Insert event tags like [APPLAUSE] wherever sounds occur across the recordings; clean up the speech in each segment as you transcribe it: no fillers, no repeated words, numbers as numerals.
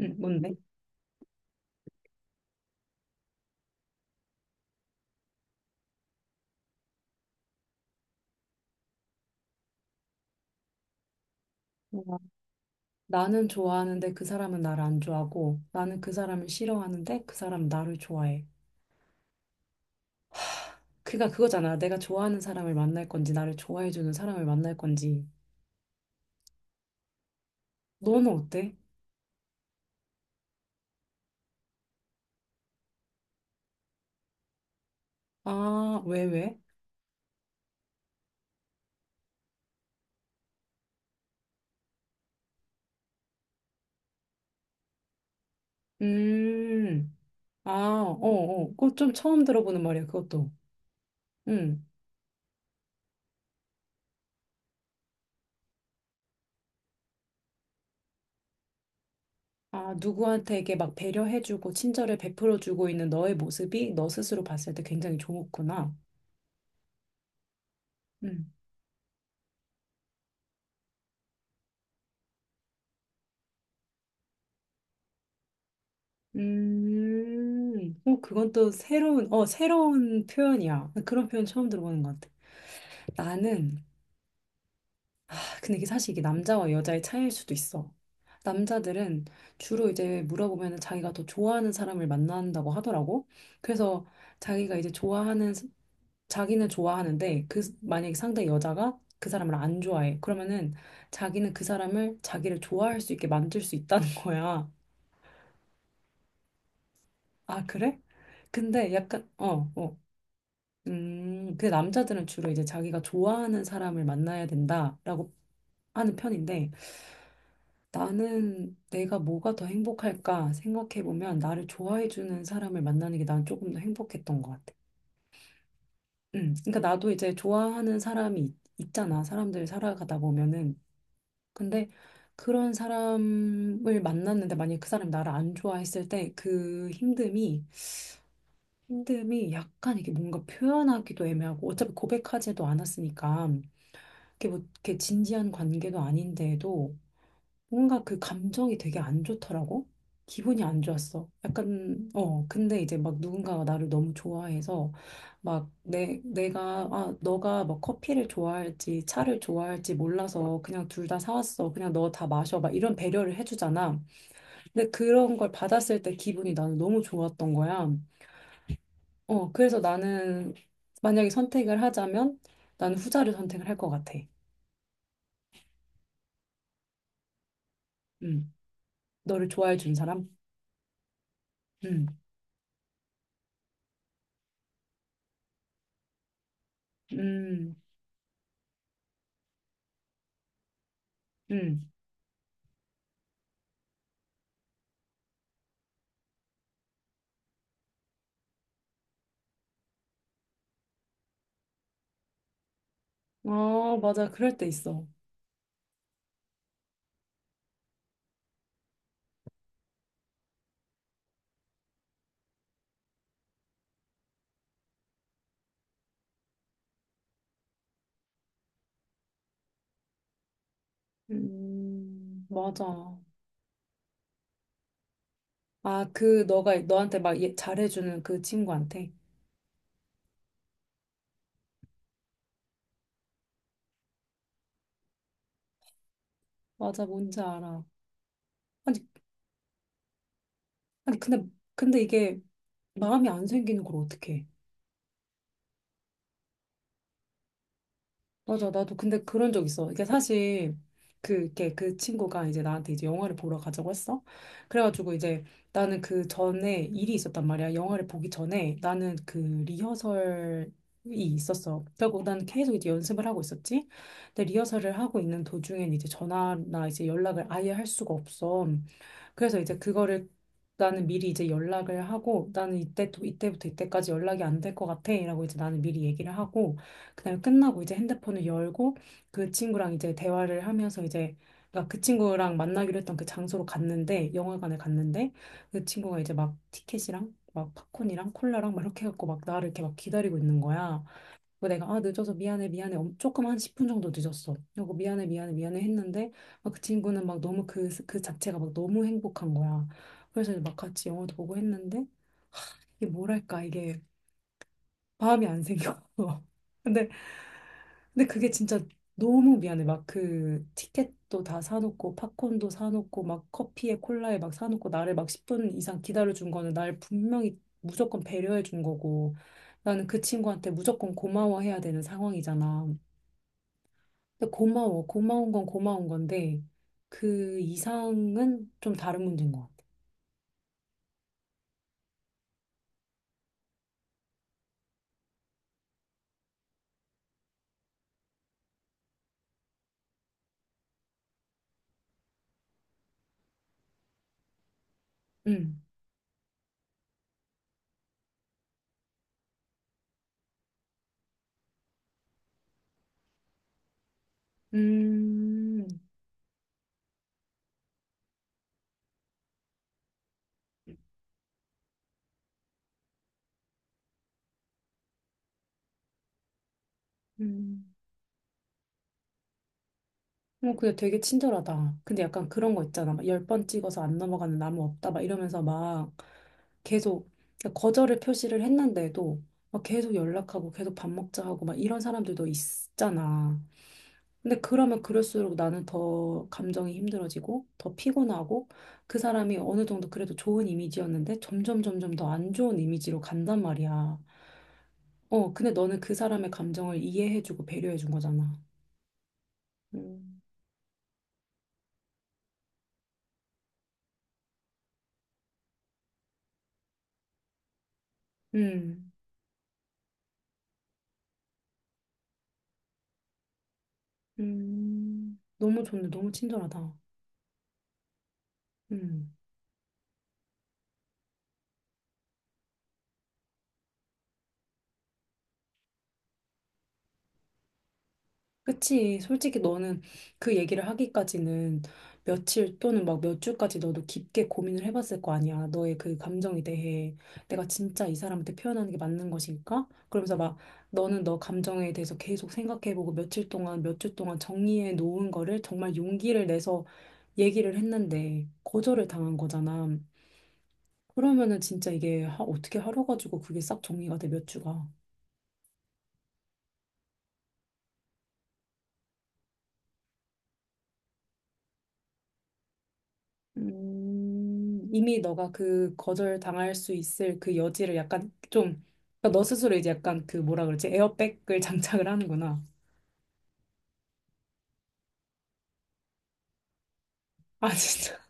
응, 뭔데? 와. 나는 좋아하는데 그 사람은 나를 안 좋아하고, 나는 그 사람을 싫어하는데 그 사람은 나를 좋아해. 그가 그거잖아. 내가 좋아하는 사람을 만날 건지, 나를 좋아해주는 사람을 만날 건지. 너는 어때? 아, 왜? 음, 아, 어, 어. 그거 좀 처음 들어보는 말이야, 그것도. 음. 아, 누구한테게 막 배려해주고, 친절을 베풀어주고 있는 너의 모습이 너 스스로 봤을 때 굉장히 좋았구나. 음. 어, 그건 또 새로운, 어, 새로운 표현이야. 그런 표현 처음 들어보는 것 같아. 나는, 근데 이게 사실 이게 남자와 여자의 차이일 수도 있어. 남자들은 주로 이제 물어보면 자기가 더 좋아하는 사람을 만난다고 하더라고. 그래서 자기가 이제 자기는 좋아하는데 만약에 상대 여자가 그 사람을 안 좋아해. 그러면은 자기는 그 사람을 자기를 좋아할 수 있게 만들 수 있다는 [LAUGHS] 거야. 아, 그래? 근데 약간, 어, 어. 근데 남자들은 주로 이제 자기가 좋아하는 사람을 만나야 된다라고 하는 편인데, 나는 내가 뭐가 더 행복할까 생각해보면 나를 좋아해주는 사람을 만나는 게 난 조금 더 행복했던 것 같아. 응. 그러니까 나도 이제 좋아하는 사람이 있잖아. 사람들 살아가다 보면은. 근데 그런 사람을 만났는데 만약에 그 사람이 나를 안 좋아했을 때 그 힘듦이 약간 이게 뭔가 표현하기도 애매하고, 어차피 고백하지도 않았으니까 이게 뭐 이렇게 진지한 관계도 아닌데도 뭔가 그 감정이 되게 안 좋더라고. 기분이 안 좋았어. 약간, 어, 근데 이제 막 누군가가 나를 너무 좋아해서 막 내가, 아, 너가 막 커피를 좋아할지 차를 좋아할지 몰라서 그냥 둘 다 사왔어. 그냥 너 다 마셔. 막 이런 배려를 해주잖아. 근데 그런 걸 받았을 때 기분이 나는 너무 좋았던 거야. 어, 그래서 나는 만약에 선택을 하자면 나는 후자를 선택을 할 것 같아. 음, 너를 좋아해 준 사람? 음, 음, 음. 아, 맞아. 그럴 때 있어. 맞아. 아, 그, 너가, 잘해주는 그 친구한테. 맞아, 뭔지 알아. 아니, 아니, 근데, 근데 이게 마음이 안 생기는 걸 어떡해. 맞아. 나도 근데 그런 적 있어. 이게 사실 그, 이렇게 그 친구가 이제 나한테 이제 영화를 보러 가자고 했어. 그래가지고 이제 나는 그 전에 일이 있었단 말이야. 영화를 보기 전에 나는 그 리허설이 있었어. 그리고 난 계속 이제 연습을 하고 있었지. 근데 리허설을 하고 있는 도중엔 이제 전화나 이제 연락을 아예 할 수가 없어. 그래서 이제 그거를 나는 미리 이제 연락을 하고, 나는 이때 또 이때부터 이때까지 연락이 안될 것 같아 라고 이제 나는 미리 얘기를 하고, 그다음에 끝나고 이제 핸드폰을 열고 그 친구랑 이제 대화를 하면서 이제, 그러니까 그 친구랑 만나기로 했던 그 장소로 갔는데, 영화관에 갔는데 그 친구가 이제 막 티켓이랑 막 팝콘이랑 콜라랑 막 이렇게 해갖고 막 나를 이렇게 막 기다리고 있는 거야. 뭐 내가 아 늦어서 미안해 조금 한 10분 정도 늦었어. 그리고 미안해 했는데, 막 그 친구는 막 너무 그, 그 자체가 막 너무 행복한 거야. 그래서 이제 막 같이 영화도 보고 했는데 이게 뭐랄까, 이게 마음이 안 생겨. [LAUGHS] 근데, 근데 그게 진짜 너무 미안해. 막 그 티켓도 다 사놓고, 팝콘도 사놓고, 막 커피에 콜라에 막 사놓고 나를 막 10분 이상 기다려준 거는 날 분명히 무조건 배려해 준 거고, 나는 그 친구한테 무조건 고마워해야 되는 상황이잖아. 근데 고마워. 고마운 건 고마운 건데, 그 이상은 좀 다른 문제인 것 같아. 응. 음, 음. 어, 그냥 되게 친절하다. 근데 약간 그런 거 있잖아. 막 열 번 찍어서 안 넘어가는 나무 없다. 막 이러면서 막 계속, 그러니까 거절을 표시를 했는데도 막 계속 연락하고 계속 밥 먹자 하고 막 이런 사람들도 있잖아. 근데 그러면 그럴수록 나는 더 감정이 힘들어지고 더 피곤하고, 그 사람이 어느 정도 그래도 좋은 이미지였는데 점점 더 안 좋은 이미지로 간단 말이야. 어, 근데 너는 그 사람의 감정을 이해해주고 배려해준 거잖아. 음. 음, 너무 좋네. 너무 친절하다. 음. 그치. 솔직히 너는 그 얘기를 하기까지는 며칠 또는 막 몇 주까지 너도 깊게 고민을 해봤을 거 아니야. 너의 그 감정에 대해 내가 진짜 이 사람한테 표현하는 게 맞는 것일까? 그러면서 막 너는 너 감정에 대해서 계속 생각해보고 며칠 동안, 몇 주 동안 정리해 놓은 거를 정말 용기를 내서 얘기를 했는데 거절을 당한 거잖아. 그러면은 진짜 이게 어떻게 하루 가지고 그게 싹 정리가 돼, 몇 주가. 이미 너가 그 거절 당할 수 있을 그 여지를 약간 좀, 그러니까 너 스스로 이제 약간 그 뭐라 그러지? 에어백을 [LAUGHS] 장착을 하는구나. 아, 진짜.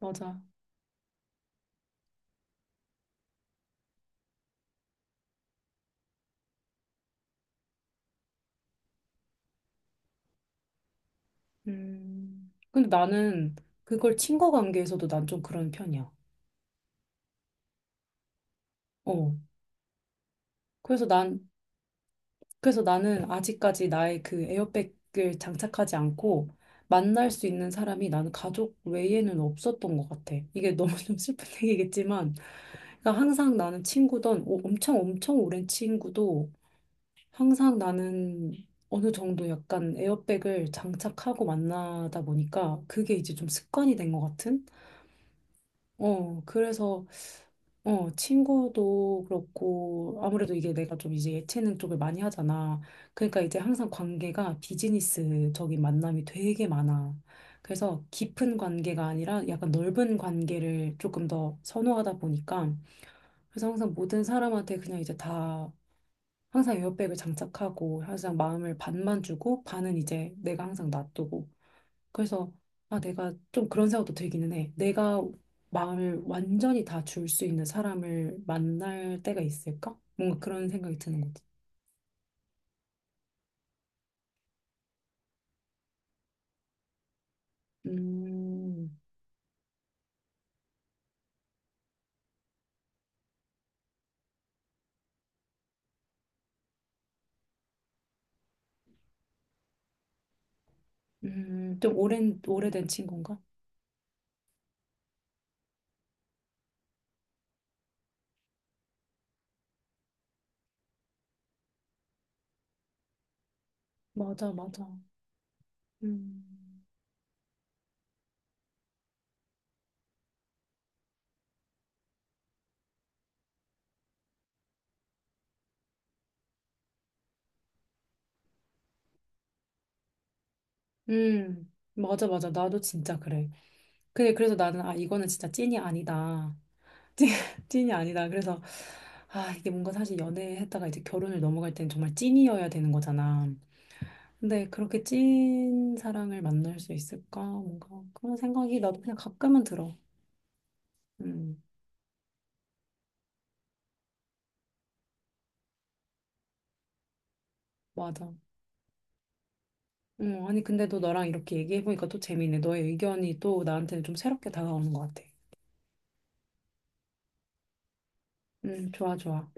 [LAUGHS] 맞아. 음. 근데 나는 그걸 친구 관계에서도 난 좀 그런 편이야. 어. 그래서 난 그래서 나는 아직까지 나의 그 에어백을 장착하지 않고 만날 수 있는 사람이 나는 가족 외에는 없었던 것 같아. 이게 너무 [LAUGHS] 좀 슬픈 얘기겠지만, 그러니까 항상 나는 엄청 엄청 오랜 친구도 항상 나는 어느 정도 약간 에어백을 장착하고 만나다 보니까 그게 이제 좀 습관이 된 것 같은? 어, 그래서 어, 친구도 그렇고, 아무래도 이게 내가 좀 이제 예체능 쪽을 많이 하잖아. 그러니까 이제 항상 관계가 비즈니스적인 만남이 되게 많아. 그래서 깊은 관계가 아니라 약간 넓은 관계를 조금 더 선호하다 보니까, 그래서 항상 모든 사람한테 그냥 이제 다, 항상 에어백을 장착하고, 항상 마음을 반만 주고, 반은 이제 내가 항상 놔두고, 그래서 아 내가 좀 그런 생각도 들기는 해. 내가 마음을 완전히 다 줄 수 있는 사람을 만날 때가 있을까? 뭔가 그런 생각이 드는 거지. 음, 좀 오랜 오래된 친구인가? 맞아, 맞아. 음, 맞아, 맞아. 나도 진짜 그래. 그래, 그래서 나는 아 이거는 진짜 찐이 아니다. [LAUGHS] 찐, 찐이 아니다. 그래서 아 이게 뭔가 사실 연애했다가 이제 결혼을 넘어갈 때는 정말 찐이어야 되는 거잖아. 근데 그렇게 찐 사랑을 만날 수 있을까? 뭔가 그런 생각이 나도 그냥 가끔은 들어. 음, 맞아. 아니 근데 또 너랑 이렇게 얘기해보니까 또 재밌네. 너의 의견이 또 나한테는 좀 새롭게 다가오는 것 같아. 좋아, 좋아.